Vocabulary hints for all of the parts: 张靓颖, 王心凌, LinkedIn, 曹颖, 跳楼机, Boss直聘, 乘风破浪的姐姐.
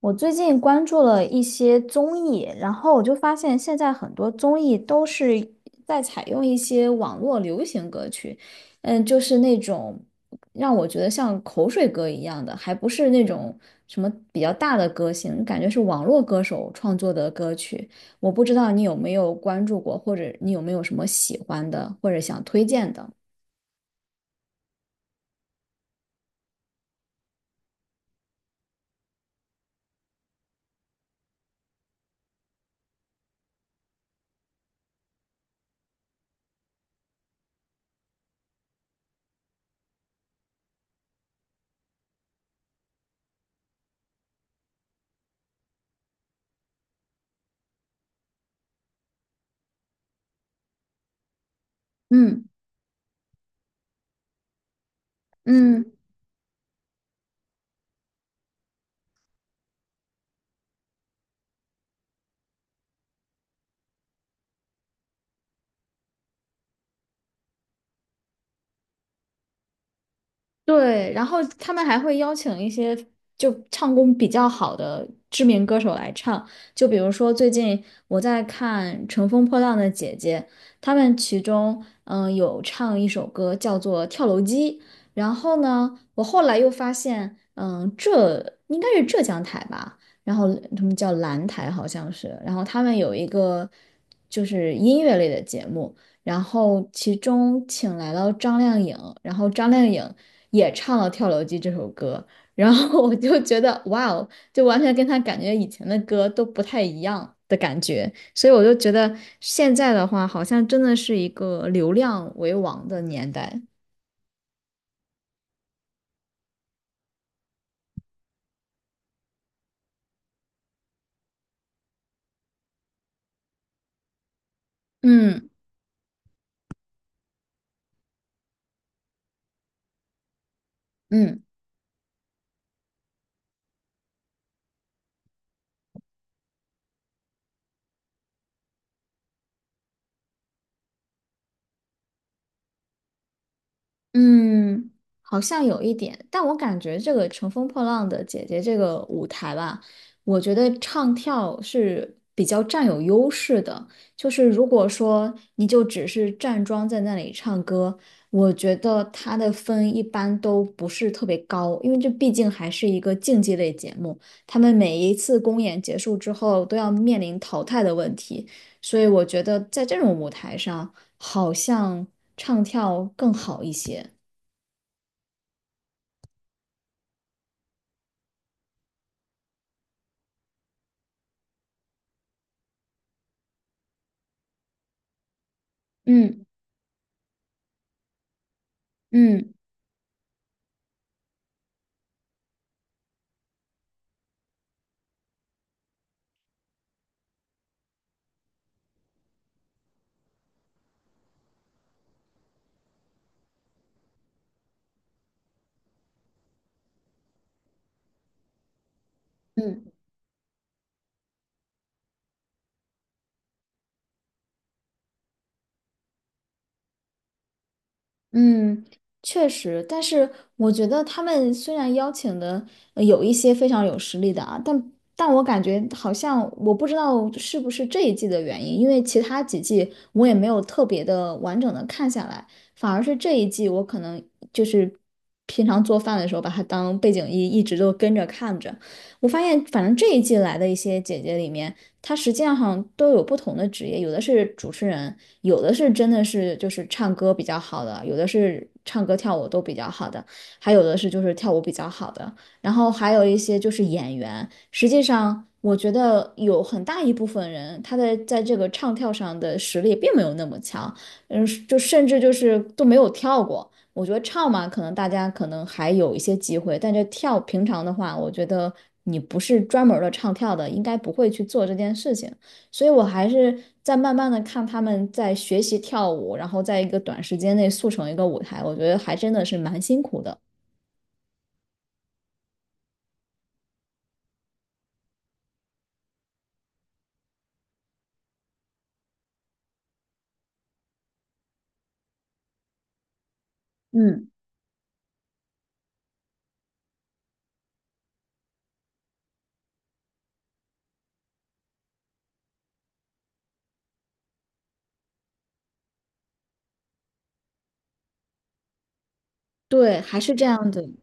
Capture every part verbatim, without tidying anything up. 我最近关注了一些综艺，然后我就发现现在很多综艺都是在采用一些网络流行歌曲，嗯，就是那种让我觉得像口水歌一样的，还不是那种什么比较大的歌星，感觉是网络歌手创作的歌曲。我不知道你有没有关注过，或者你有没有什么喜欢的，或者想推荐的？嗯。嗯，对，然后他们还会邀请一些就唱功比较好的知名歌手来唱，就比如说最近我在看《乘风破浪的姐姐》，他们其中嗯、呃有唱一首歌叫做《跳楼机》，然后呢，我后来又发现，嗯，浙应该是浙江台吧，然后他们叫蓝台好像是，然后他们有一个就是音乐类的节目。然后其中请来了张靓颖，然后张靓颖也唱了《跳楼机》这首歌，然后我就觉得哇哦，就完全跟她感觉以前的歌都不太一样的感觉，所以我就觉得现在的话，好像真的是一个流量为王的年代。嗯嗯。嗯，好像有一点，但我感觉这个《乘风破浪的姐姐》这个舞台吧，我觉得唱跳是比较占有优势的。就是如果说你就只是站桩在那里唱歌，我觉得它的分一般都不是特别高，因为这毕竟还是一个竞技类节目，他们每一次公演结束之后都要面临淘汰的问题，所以我觉得在这种舞台上，好像唱跳更好一些。嗯嗯嗯嗯，确实，但是我觉得他们虽然邀请的呃有一些非常有实力的啊，但但我感觉好像我不知道是不是这一季的原因，因为其他几季我也没有特别的完整的看下来，反而是这一季我可能就是平常做饭的时候把它当背景音一直都跟着看着，我发现反正这一季来的一些姐姐里面。她实际上好像都有不同的职业，有的是主持人，有的是真的是就是唱歌比较好的，有的是唱歌跳舞都比较好的，还有的是就是跳舞比较好的，然后还有一些就是演员。实际上，我觉得有很大一部分人他的在这个唱跳上的实力并没有那么强，嗯，就甚至就是都没有跳过。我觉得唱嘛，可能大家可能还有一些机会，但这跳平常的话，我觉得你不是专门儿的唱跳的，应该不会去做这件事情。所以我还是在慢慢的看他们在学习跳舞，然后在一个短时间内速成一个舞台，我觉得还真的是蛮辛苦的。嗯，对，还是这样子。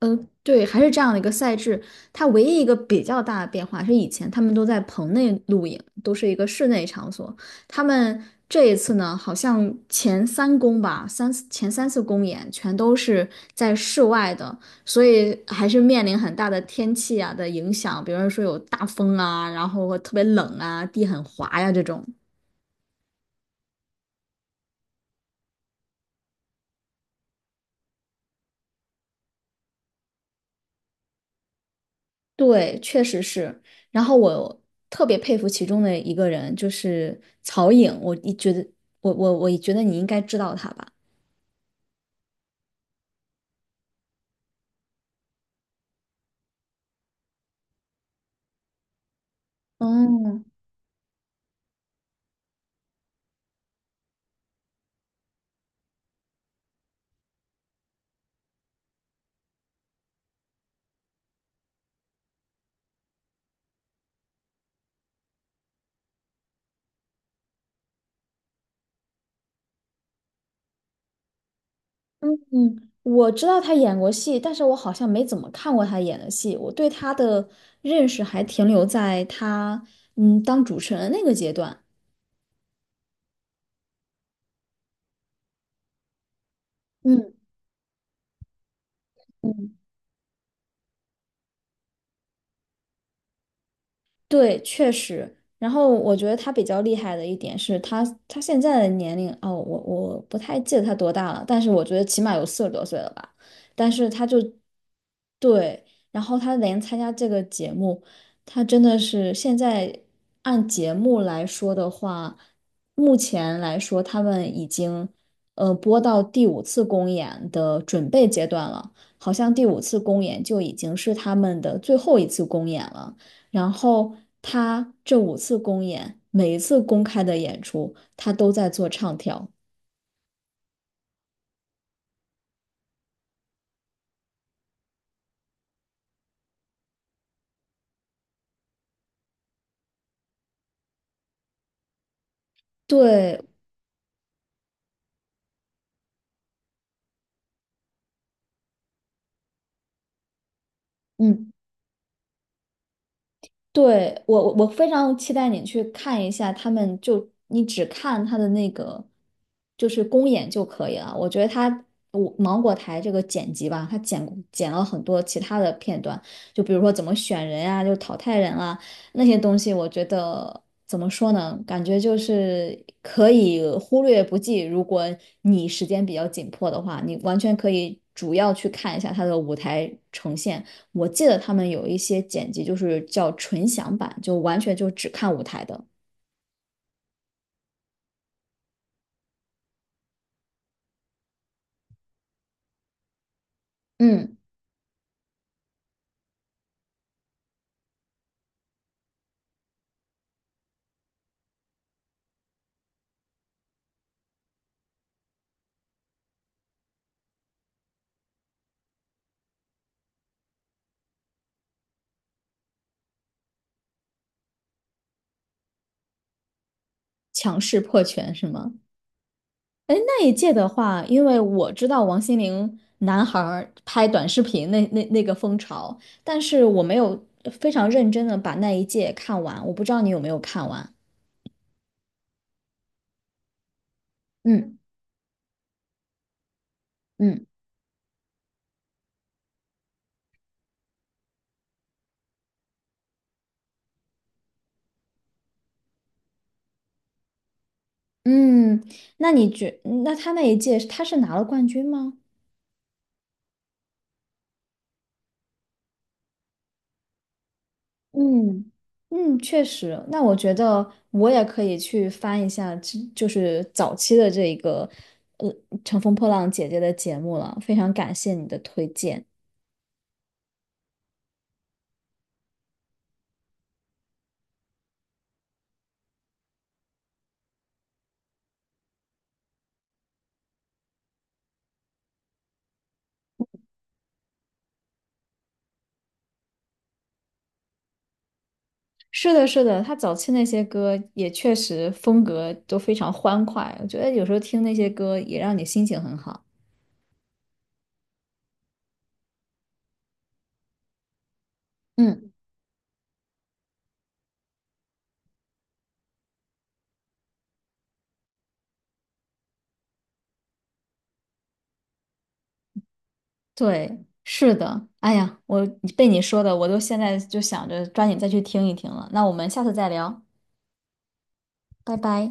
嗯，对，还是这样的一个赛制。它唯一一个比较大的变化是，以前他们都在棚内露营，都是一个室内场所。他们这一次呢，好像前三公吧，三次前三次公演全都是在室外的，所以还是面临很大的天气啊的影响，比如说有大风啊，然后特别冷啊，地很滑呀、这种。对，确实是。然后我特别佩服其中的一个人，就是曹颖。我一觉得，我我我觉得你应该知道他吧？嗯嗯，嗯，我知道他演过戏，但是我好像没怎么看过他演的戏。我对他的认识还停留在他嗯当主持人那个阶段。嗯嗯，对，确实。然后我觉得他比较厉害的一点是他，他现在的年龄哦，我我不太记得他多大了，但是我觉得起码有四十多岁了吧。但是他就对，然后他连参加这个节目，他真的是现在按节目来说的话，目前来说他们已经呃播到第五次公演的准备阶段了，好像第五次公演就已经是他们的最后一次公演了。然后他这五次公演，每一次公开的演出，他都在做唱跳。对，嗯。对，我我我非常期待你去看一下他们就你只看他的那个就是公演就可以了。我觉得他我芒果台这个剪辑吧，他剪剪了很多其他的片段，就比如说怎么选人啊，就淘汰人啊那些东西，我觉得怎么说呢？感觉就是可以忽略不计。如果你时间比较紧迫的话，你完全可以主要去看一下他的舞台呈现。我记得他们有一些剪辑就是叫纯享版，就完全就只看舞台的。嗯，强势破圈是吗？哎，那一届的话，因为我知道王心凌男孩儿拍短视频那那那个风潮，但是我没有非常认真的把那一届看完，我不知道你有没有看完。嗯嗯嗯，那你觉，那他那一届他是拿了冠军吗？嗯嗯，确实。那我觉得我也可以去翻一下之就是早期的这一个呃《乘风破浪姐姐》的节目了。非常感谢你的推荐。是的，是的，她早期那些歌也确实风格都非常欢快，我觉得有时候听那些歌也让你心情很好。嗯，对，是的。哎呀，我被你说的，我都现在就想着抓紧再去听一听了。那我们下次再聊，拜拜。